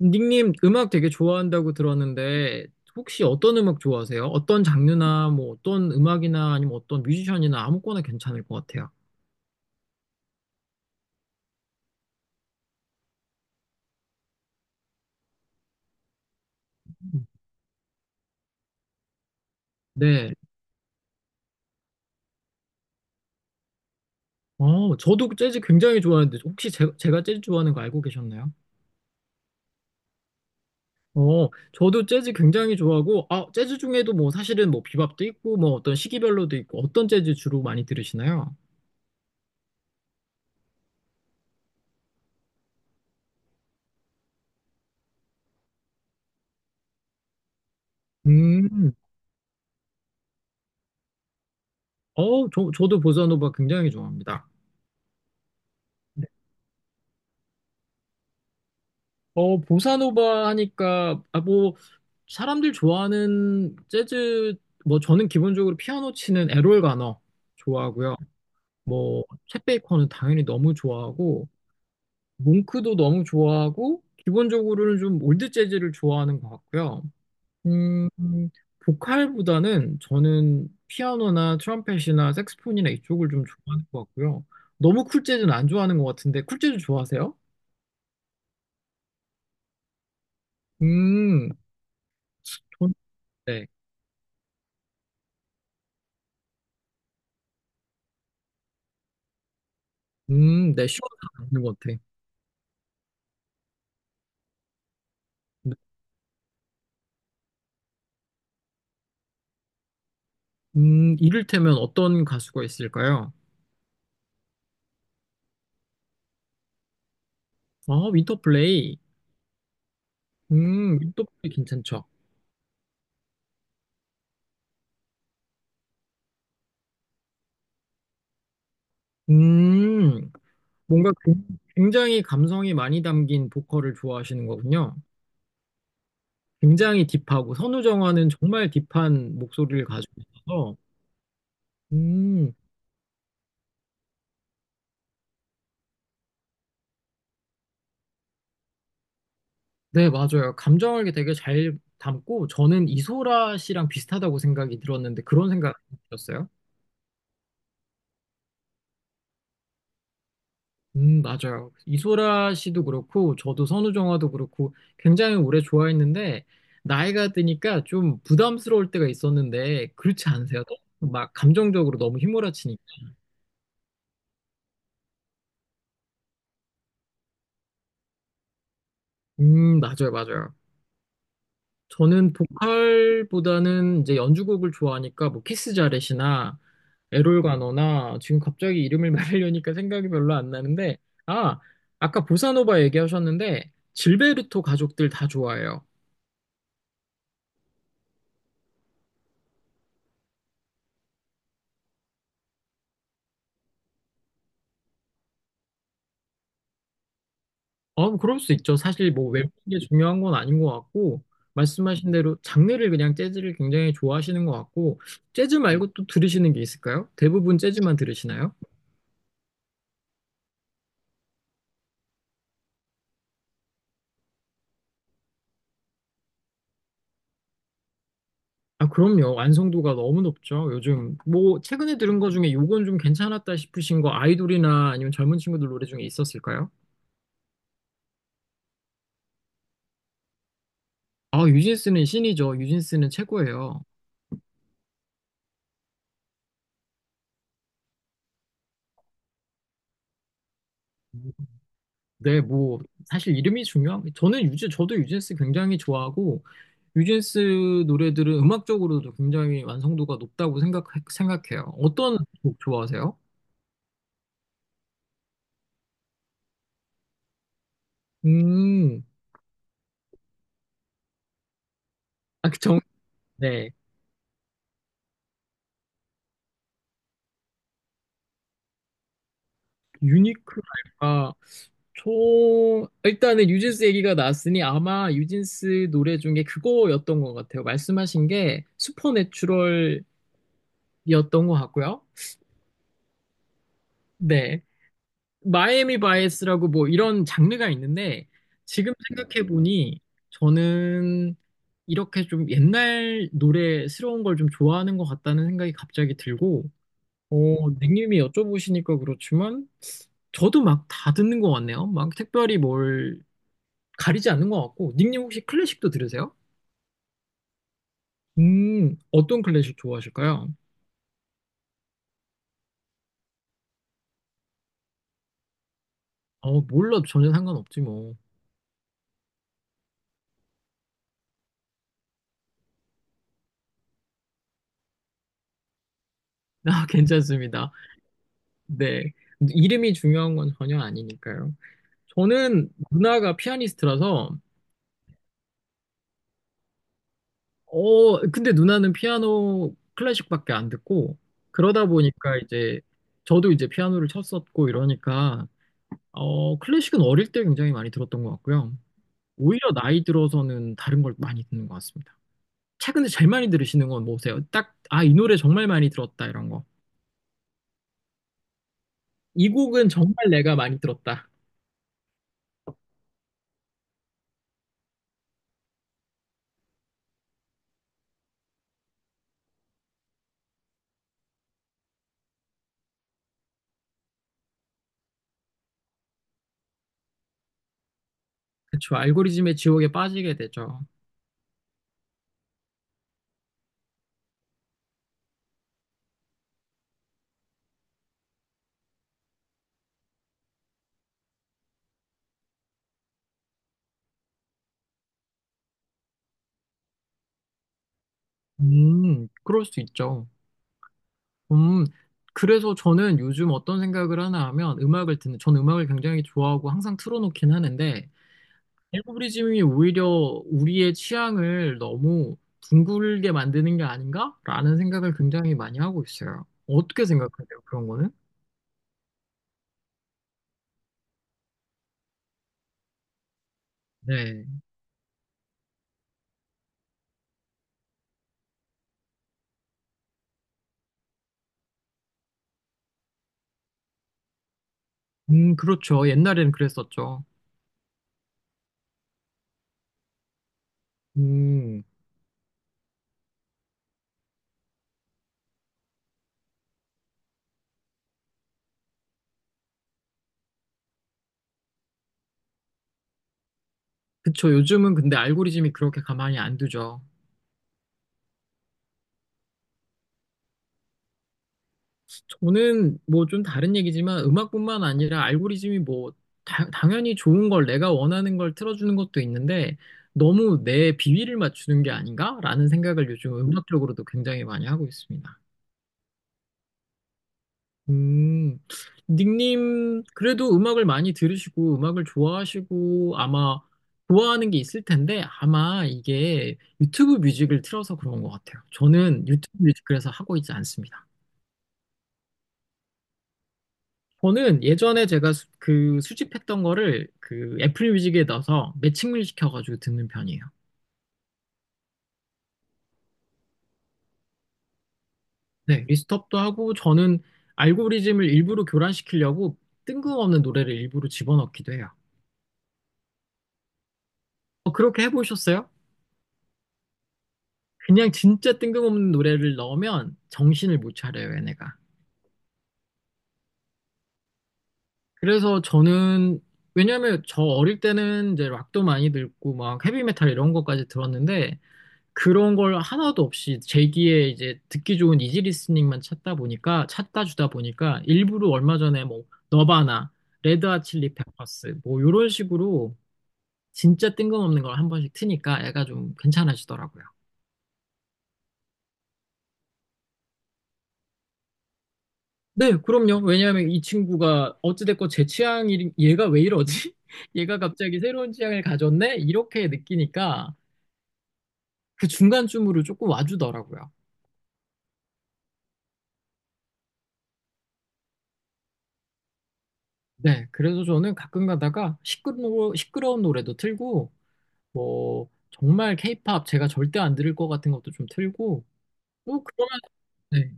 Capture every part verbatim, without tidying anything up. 닉님 음악 되게 좋아한다고 들었는데 혹시 어떤 음악 좋아하세요? 어떤 장르나 뭐 어떤 음악이나 아니면 어떤 뮤지션이나 아무거나 괜찮을 것 같아요. 네. 어, 저도 재즈 굉장히 좋아하는데 혹시 제, 제가 재즈 좋아하는 거 알고 계셨나요? 어, 저도 재즈 굉장히 좋아하고 아, 재즈 중에도 뭐 사실은 뭐 비밥도 있고 뭐 어떤 시기별로도 있고 어떤 재즈 주로 많이 들으시나요? 음. 어, 저, 저도 보사노바 굉장히 좋아합니다. 어, 보사노바 하니까, 아, 뭐, 사람들 좋아하는 재즈, 뭐, 저는 기본적으로 피아노 치는 에롤 가너 좋아하고요. 뭐, 챗 베이커는 당연히 너무 좋아하고, 몽크도 너무 좋아하고, 기본적으로는 좀 올드 재즈를 좋아하는 것 같고요. 음, 보컬보다는 저는 피아노나 트럼펫이나 색스폰이나 이쪽을 좀 좋아하는 것 같고요. 너무 쿨 재즈는 안 좋아하는 것 같은데, 쿨 재즈 좋아하세요? 음, 전- 네. 음, 네, 시원한 는것 같아. 네, 음, 이를테면 어떤 가수가 있을까요? 아, 윈터플레이. 음, 윈터플레이 괜찮죠. 음, 뭔가 굉장히 감성이 많이 담긴 보컬을 좋아하시는 거군요. 굉장히 딥하고, 선우정아는 정말 딥한 목소리를 가지고 있어서, 음, 네, 맞아요. 감정을 되게 잘 담고, 저는 이소라 씨랑 비슷하다고 생각이 들었는데, 그런 생각이 들었어요? 음, 맞아요. 이소라 씨도 그렇고, 저도 선우정아도 그렇고, 굉장히 오래 좋아했는데, 나이가 드니까 좀 부담스러울 때가 있었는데, 그렇지 않으세요? 막 감정적으로 너무 휘몰아치니까. 음, 맞아요, 맞아요. 저는 보컬보다는 이제 연주곡을 좋아하니까, 뭐, 키스 자렛이나, 에롤가너나 지금 갑자기 이름을 말하려니까 생각이 별로 안 나는데, 아, 아까 보사노바 얘기하셨는데, 질베르토 가족들 다 좋아해요. 어, 뭐 그럴 수 있죠. 사실 뭐 외우는 게 중요한 건 아닌 것 같고, 말씀하신 대로 장르를 그냥 재즈를 굉장히 좋아하시는 것 같고, 재즈 말고 또 들으시는 게 있을까요? 대부분 재즈만 들으시나요? 아, 그럼요. 완성도가 너무 높죠. 요즘 뭐 최근에 들은 거 중에 요건 좀 괜찮았다 싶으신 거 아이돌이나 아니면 젊은 친구들 노래 중에 있었을까요? 아, 유진스는 신이죠. 유진스는 최고예요. 네, 뭐 사실 이름이 중요한 저는 유즈 저도 유진스 굉장히 좋아하고 유진스 노래들은 음악적으로도 굉장히 완성도가 높다고 생각 생각해요. 어떤 곡 좋아하세요? 음, 아, 그 정, 네, 유니클랄까. 저 일단은 유진스 얘기가 나왔으니 아마 유진스 노래 중에 그거였던 것 같아요. 말씀하신 게 슈퍼내추럴이었던 것 같고요. 네. 마이애미 바이애스라고 뭐 이런 장르가 있는데 지금 생각해 보니 저는 이렇게 좀 옛날 노래스러운 걸 좀 좋아하는 것 같다는 생각이 갑자기 들고 어, 닉님이 여쭤보시니까 그렇지만 저도 막 다 듣는 것 같네요. 막 특별히 뭘 가리지 않는 것 같고 닉님 혹시 클래식도 들으세요? 음, 어떤 클래식 좋아하실까요? 어, 몰라 전혀 상관없지 뭐. 아, 괜찮습니다. 네. 이름이 중요한 건 전혀 아니니까요. 저는 누나가 피아니스트라서, 어, 근데 누나는 피아노 클래식밖에 안 듣고, 그러다 보니까 이제, 저도 이제 피아노를 쳤었고 이러니까, 어, 클래식은 어릴 때 굉장히 많이 들었던 것 같고요. 오히려 나이 들어서는 다른 걸 많이 듣는 것 같습니다. 최근에 제일 많이 들으시는 건 뭐세요? 딱, 아, 이 노래 정말 많이 들었다, 이런 거. 이 곡은 정말 내가 많이 들었다. 그쵸. 알고리즘의 지옥에 빠지게 되죠. 음, 그럴 수 있죠. 음, 그래서 저는 요즘 어떤 생각을 하나 하면 음악을 듣는, 전 음악을 굉장히 좋아하고 항상 틀어놓긴 하는데, 알고리즘이 오히려 우리의 취향을 너무 둥글게 만드는 게 아닌가라는 생각을 굉장히 많이 하고 있어요. 어떻게 생각하세요, 그런 거는? 네. 음, 그렇죠. 옛날에는 그랬었죠. 음, 그쵸. 요즘은 근데 알고리즘이 그렇게 가만히 안 두죠. 돈은 뭐 좀 다른 얘기지만 음악뿐만 아니라 알고리즘이 뭐 다- 당연히 좋은 걸 내가 원하는 걸 틀어주는 것도 있는데 너무 내 비위를 맞추는 게 아닌가라는 생각을 요즘 음악적으로도 굉장히 많이 하고 있습니다. 음, 닉님 그래도 음악을 많이 들으시고 음악을 좋아하시고 아마 좋아하는 게 있을 텐데 아마 이게 유튜브 뮤직을 틀어서 그런 것 같아요. 저는 유튜브 뮤직 그래서 하고 있지 않습니다. 저는 예전에 제가 수- 그 수집했던 거를 그 애플 뮤직에 넣어서 매칭을 시켜가지고 듣는 편이에요. 네, 리스트업도 하고 저는 알고리즘을 일부러 교란시키려고 뜬금없는 노래를 일부러 집어넣기도 해요. 어, 그렇게 해보셨어요? 그냥 진짜 뜬금없는 노래를 넣으면 정신을 못 차려요, 얘네가. 그래서 저는 왜냐면 저 어릴 때는 이제 락도 많이 듣고 막 헤비메탈 이런 것까지 들었는데 그런 걸 하나도 없이 제기에 이제 듣기 좋은 이지 리스닝만 찾다 보니까 찾다 주다 보니까 일부러 얼마 전에 뭐 너바나, 레드핫 칠리 페퍼스 뭐 이런 식으로 진짜 뜬금없는 걸 한 번씩 트니까 애가 좀 괜찮아지더라고요. 네, 그럼요. 왜냐하면 이 친구가 어찌됐건 제 취향이 얘가 왜 이러지? 얘가 갑자기 새로운 취향을 가졌네? 이렇게 느끼니까 그 중간쯤으로 조금 와주더라고요. 네, 그래서 저는 가끔 가다가 시끄러 시끄러운 노래도 틀고 뭐 정말 케이팝 제가 절대 안 들을 것 같은 것도 좀 틀고 또 그러면 네,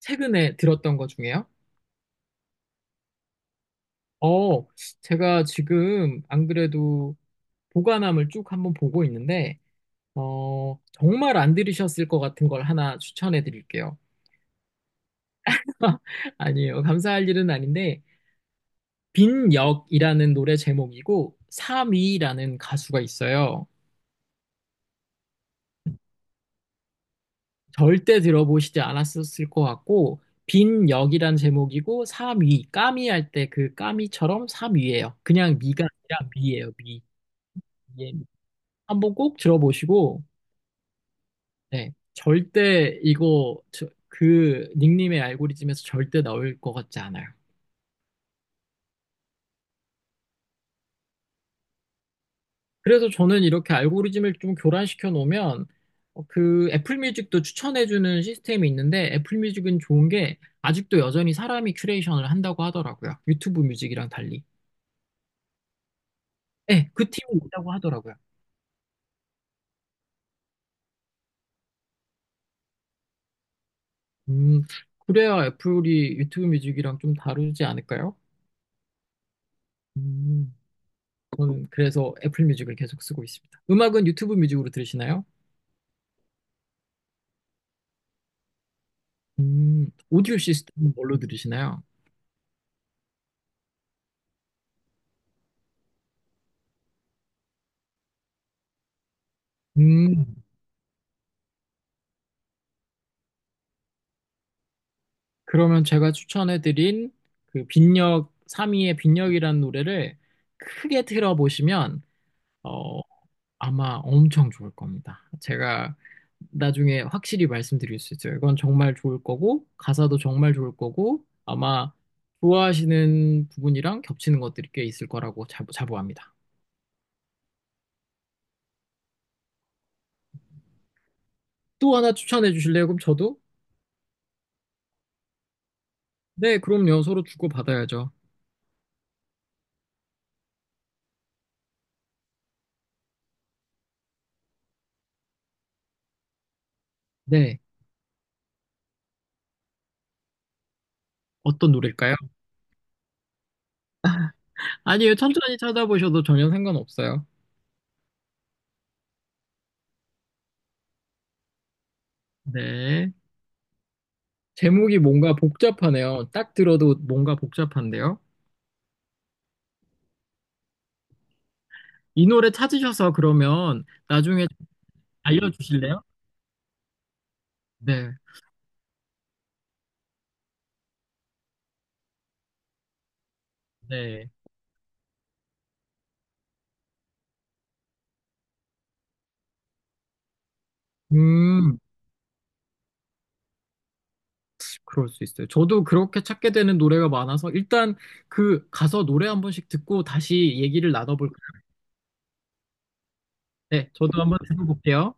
최근에 들었던 것 중에요? 어, 제가 지금 안 그래도 보관함을 쭉 한번 보고 있는데 어, 정말 안 들으셨을 것 같은 걸 하나 추천해 드릴게요. 아니에요. 감사할 일은 아닌데 빈 역이라는 노래 제목이고 삼위라는 가수가 있어요. 절대 들어보시지 않았었을 것 같고, 빈 역이란 제목이고, 삼위, 까미 할 때 그 까미처럼 삼위예요. 그냥 미가 아니라 미예요, 미. 예, 미. 한번 꼭 들어보시고, 네. 절대 이거, 저- 그 닉님의 알고리즘에서 절대 나올 것 같지 않아요. 그래서 저는 이렇게 알고리즘을 좀 교란시켜 놓으면, 어, 그 애플 뮤직도 추천해주는 시스템이 있는데, 애플 뮤직은 좋은 게, 아직도 여전히 사람이 큐레이션을 한다고 하더라고요. 유튜브 뮤직이랑 달리. 네, 그 팀이 있다고 하더라고요. 음, 그래야 애플이 유튜브 뮤직이랑 좀 다르지 않을까요? 음, 저는 그래서 애플 뮤직을 계속 쓰고 있습니다. 음악은 유튜브 뮤직으로 들으시나요? 음, 오디오 시스템은 뭘로 들으시나요? 음, 그러면 제가 추천해드린 그 빈력, 삼위의 빈력이라는 노래를 크게 틀어보시면, 어, 아마 엄청 좋을 겁니다. 제가 나중에 확실히 말씀드릴 수 있어요. 이건 정말 좋을 거고, 가사도 정말 좋을 거고, 아마 좋아하시는 부분이랑 겹치는 것들이 꽤 있을 거라고 자부, 자부합니다. 또 하나 추천해 주실래요? 그럼 저도? 네, 그럼요. 서로 주고받아야죠. 네. 어떤 노래일까요? 아니에요. 천천히 찾아보셔도 전혀 상관없어요. 네. 제목이 뭔가 복잡하네요. 딱 들어도 뭔가 복잡한데요. 이 노래 찾으셔서 그러면 나중에 알려주실래요? 네. 네. 음, 그럴 수 있어요. 저도 그렇게 찾게 되는 노래가 많아서 일단 그 가서 노래 한 번씩 듣고 다시 얘기를 나눠볼까요? 네, 저도 한번 들어볼게요.